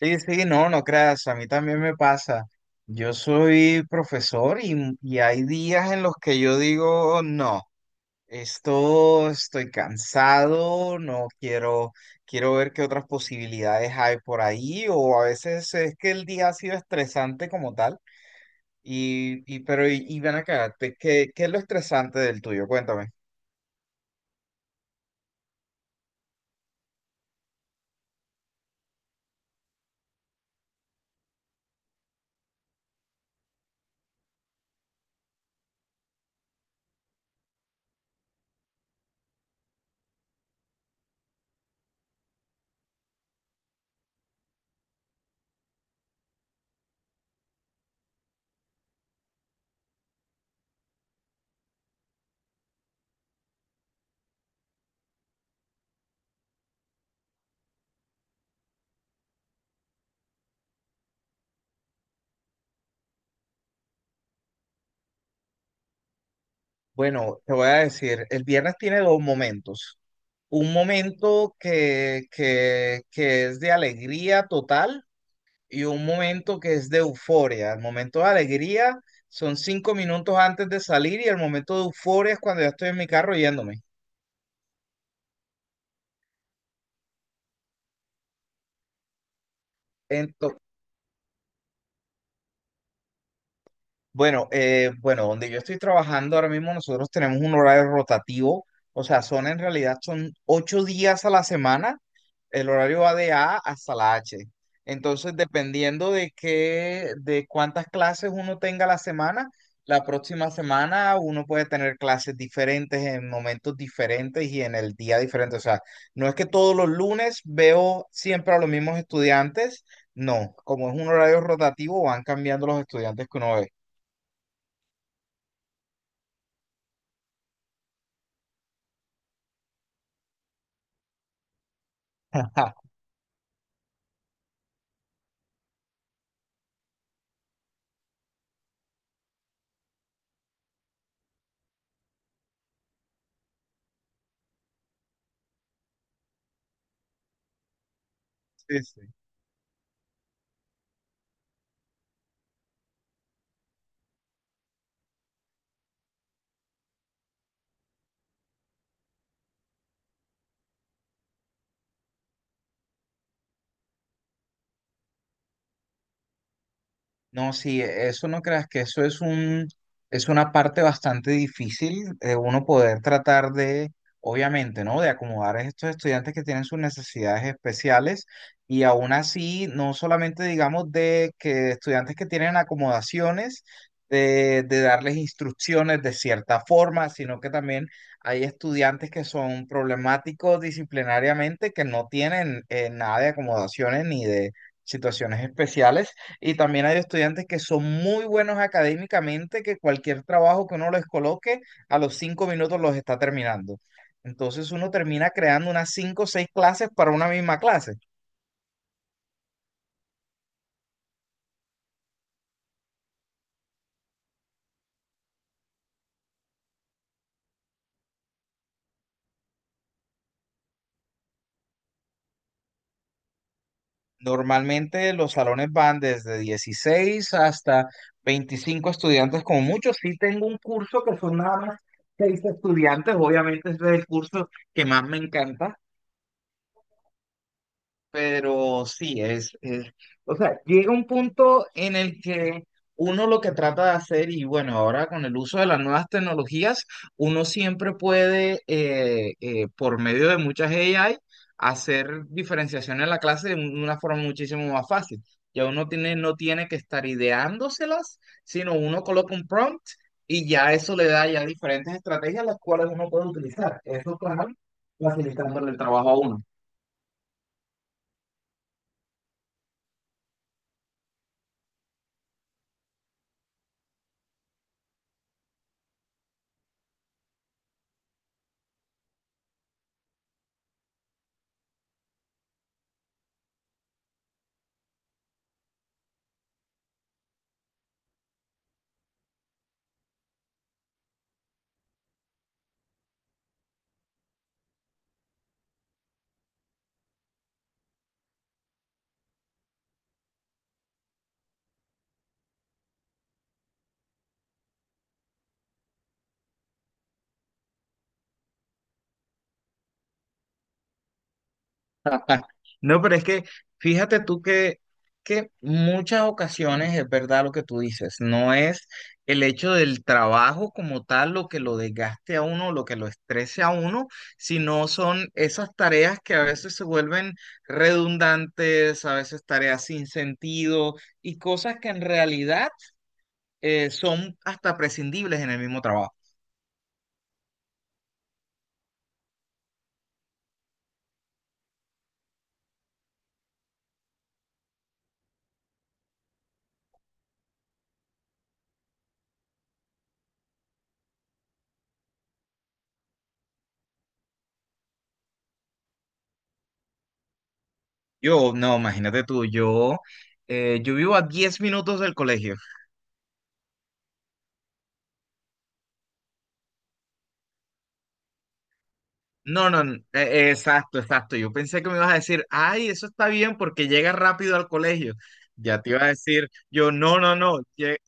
Sí, sí, no, no creas, a mí también me pasa. Yo soy profesor y hay días en los que yo digo, no, esto estoy cansado, no quiero ver qué otras posibilidades hay por ahí, o a veces es que el día ha sido estresante como tal. Pero, ven acá. ¿Qué es lo estresante del tuyo? Cuéntame. Bueno, te voy a decir, el viernes tiene dos momentos. Un momento que es de alegría total y un momento que es de euforia. El momento de alegría son 5 minutos antes de salir, y el momento de euforia es cuando ya estoy en mi carro yéndome. Ento- bueno, donde yo estoy trabajando ahora mismo nosotros tenemos un horario rotativo. O sea, son en realidad son 8 días a la semana. El horario va de A hasta la H. Entonces, dependiendo de cuántas clases uno tenga la semana, la próxima semana uno puede tener clases diferentes en momentos diferentes y en el día diferente. O sea, no es que todos los lunes veo siempre a los mismos estudiantes. No, como es un horario rotativo, van cambiando los estudiantes que uno ve. Sí, sí. No, sí, eso no creas que eso es una parte bastante difícil de uno poder tratar de, obviamente, ¿no? De acomodar a estos estudiantes que tienen sus necesidades especiales, y aún así, no solamente digamos de que estudiantes que tienen acomodaciones, de darles instrucciones de cierta forma, sino que también hay estudiantes que son problemáticos disciplinariamente, que no tienen nada de acomodaciones ni de situaciones especiales, y también hay estudiantes que son muy buenos académicamente, que cualquier trabajo que uno les coloque, a los 5 minutos los está terminando. Entonces uno termina creando unas cinco o seis clases para una misma clase. Normalmente los salones van desde 16 hasta 25 estudiantes, como mucho. Sí tengo un curso que son nada más seis estudiantes, obviamente ese es el curso que más me encanta. Pero sí, o sea, llega un punto en el que uno lo que trata de hacer, y bueno, ahora con el uso de las nuevas tecnologías, uno siempre puede, por medio de muchas AI, hacer diferenciación en la clase de una forma muchísimo más fácil. Ya uno tiene, no tiene que estar ideándoselas, sino uno coloca un prompt y ya eso le da ya diferentes estrategias las cuales uno puede utilizar. Eso, claro, facilitándole el trabajo a uno. No, pero es que fíjate tú que muchas ocasiones es verdad lo que tú dices, no es el hecho del trabajo como tal lo que lo desgaste a uno, lo que lo estrese a uno, sino son esas tareas que a veces se vuelven redundantes, a veces tareas sin sentido, y cosas que en realidad son hasta prescindibles en el mismo trabajo. Yo, no, imagínate tú, yo vivo a 10 minutos del colegio. No, no, exacto, exacto. Yo pensé que me ibas a decir, ay, eso está bien porque llega rápido al colegio. Ya te iba a decir, yo, no, no, no,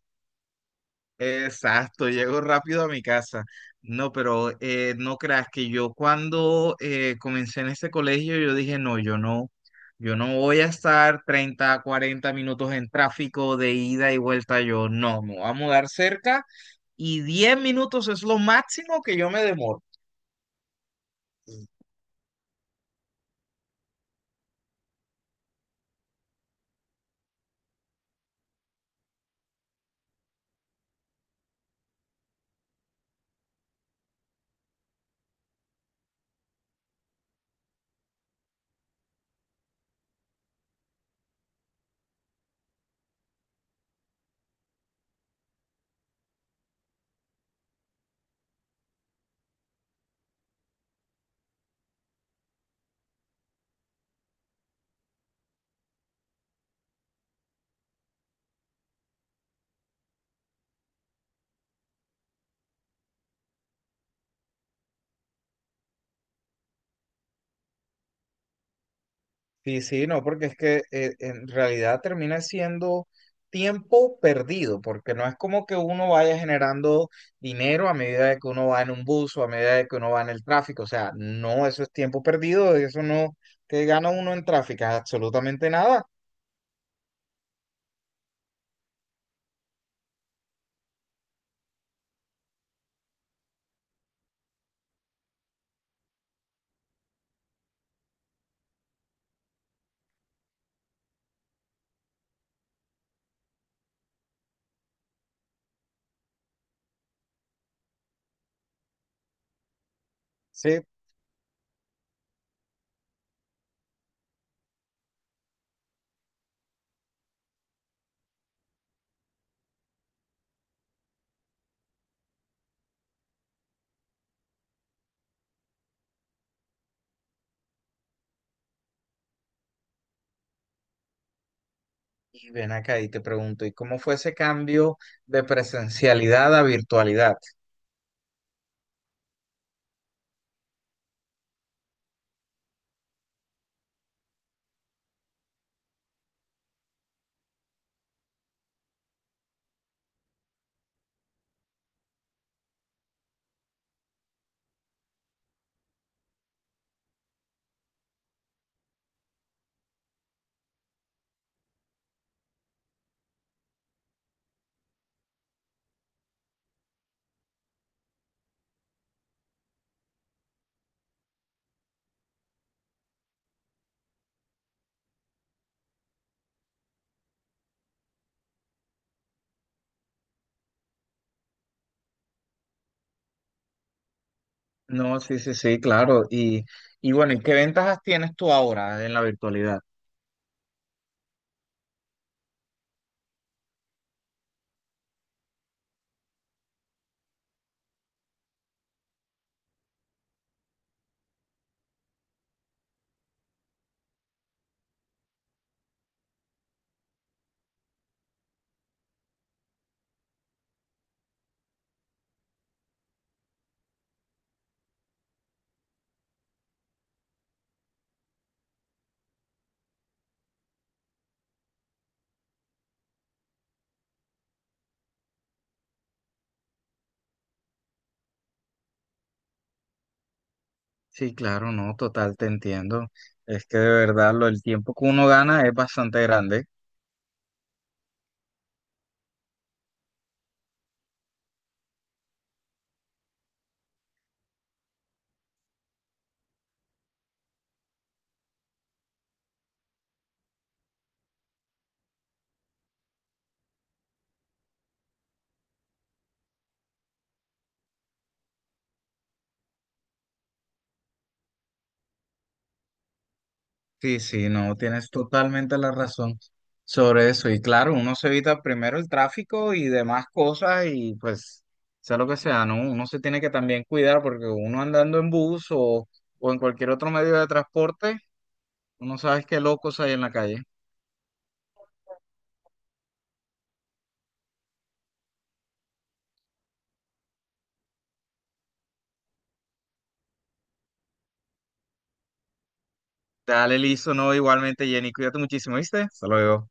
exacto, llego rápido a mi casa. No, pero no creas que yo cuando comencé en este colegio, yo dije, no, yo no voy a estar 30, 40 minutos en tráfico de ida y vuelta. Yo, no, me voy a mudar cerca, y 10 minutos es lo máximo que yo me demoro. Sí, sí, no, porque es que en realidad termina siendo tiempo perdido, porque no es como que uno vaya generando dinero a medida de que uno va en un bus o a medida de que uno va en el tráfico. O sea, no, eso es tiempo perdido, eso no, ¿que gana uno en tráfico? Absolutamente nada, sí. Y ven acá y te pregunto, ¿y cómo fue ese cambio de presencialidad a virtualidad? No, sí, sí, sí, claro. Y bueno, ¿y qué ventajas tienes tú ahora en la virtualidad? Sí, claro, no, total, te entiendo. Es que de verdad el tiempo que uno gana es bastante grande. Sí, sí, no, tienes totalmente la razón sobre eso. Y claro, uno se evita primero el tráfico y demás cosas, y pues, sea lo que sea, ¿no? Uno se tiene que también cuidar porque uno andando en bus o en cualquier otro medio de transporte, uno sabes qué locos hay en la calle. Dale, listo, no, igualmente, Jenny, cuídate muchísimo, ¿viste? Hasta luego.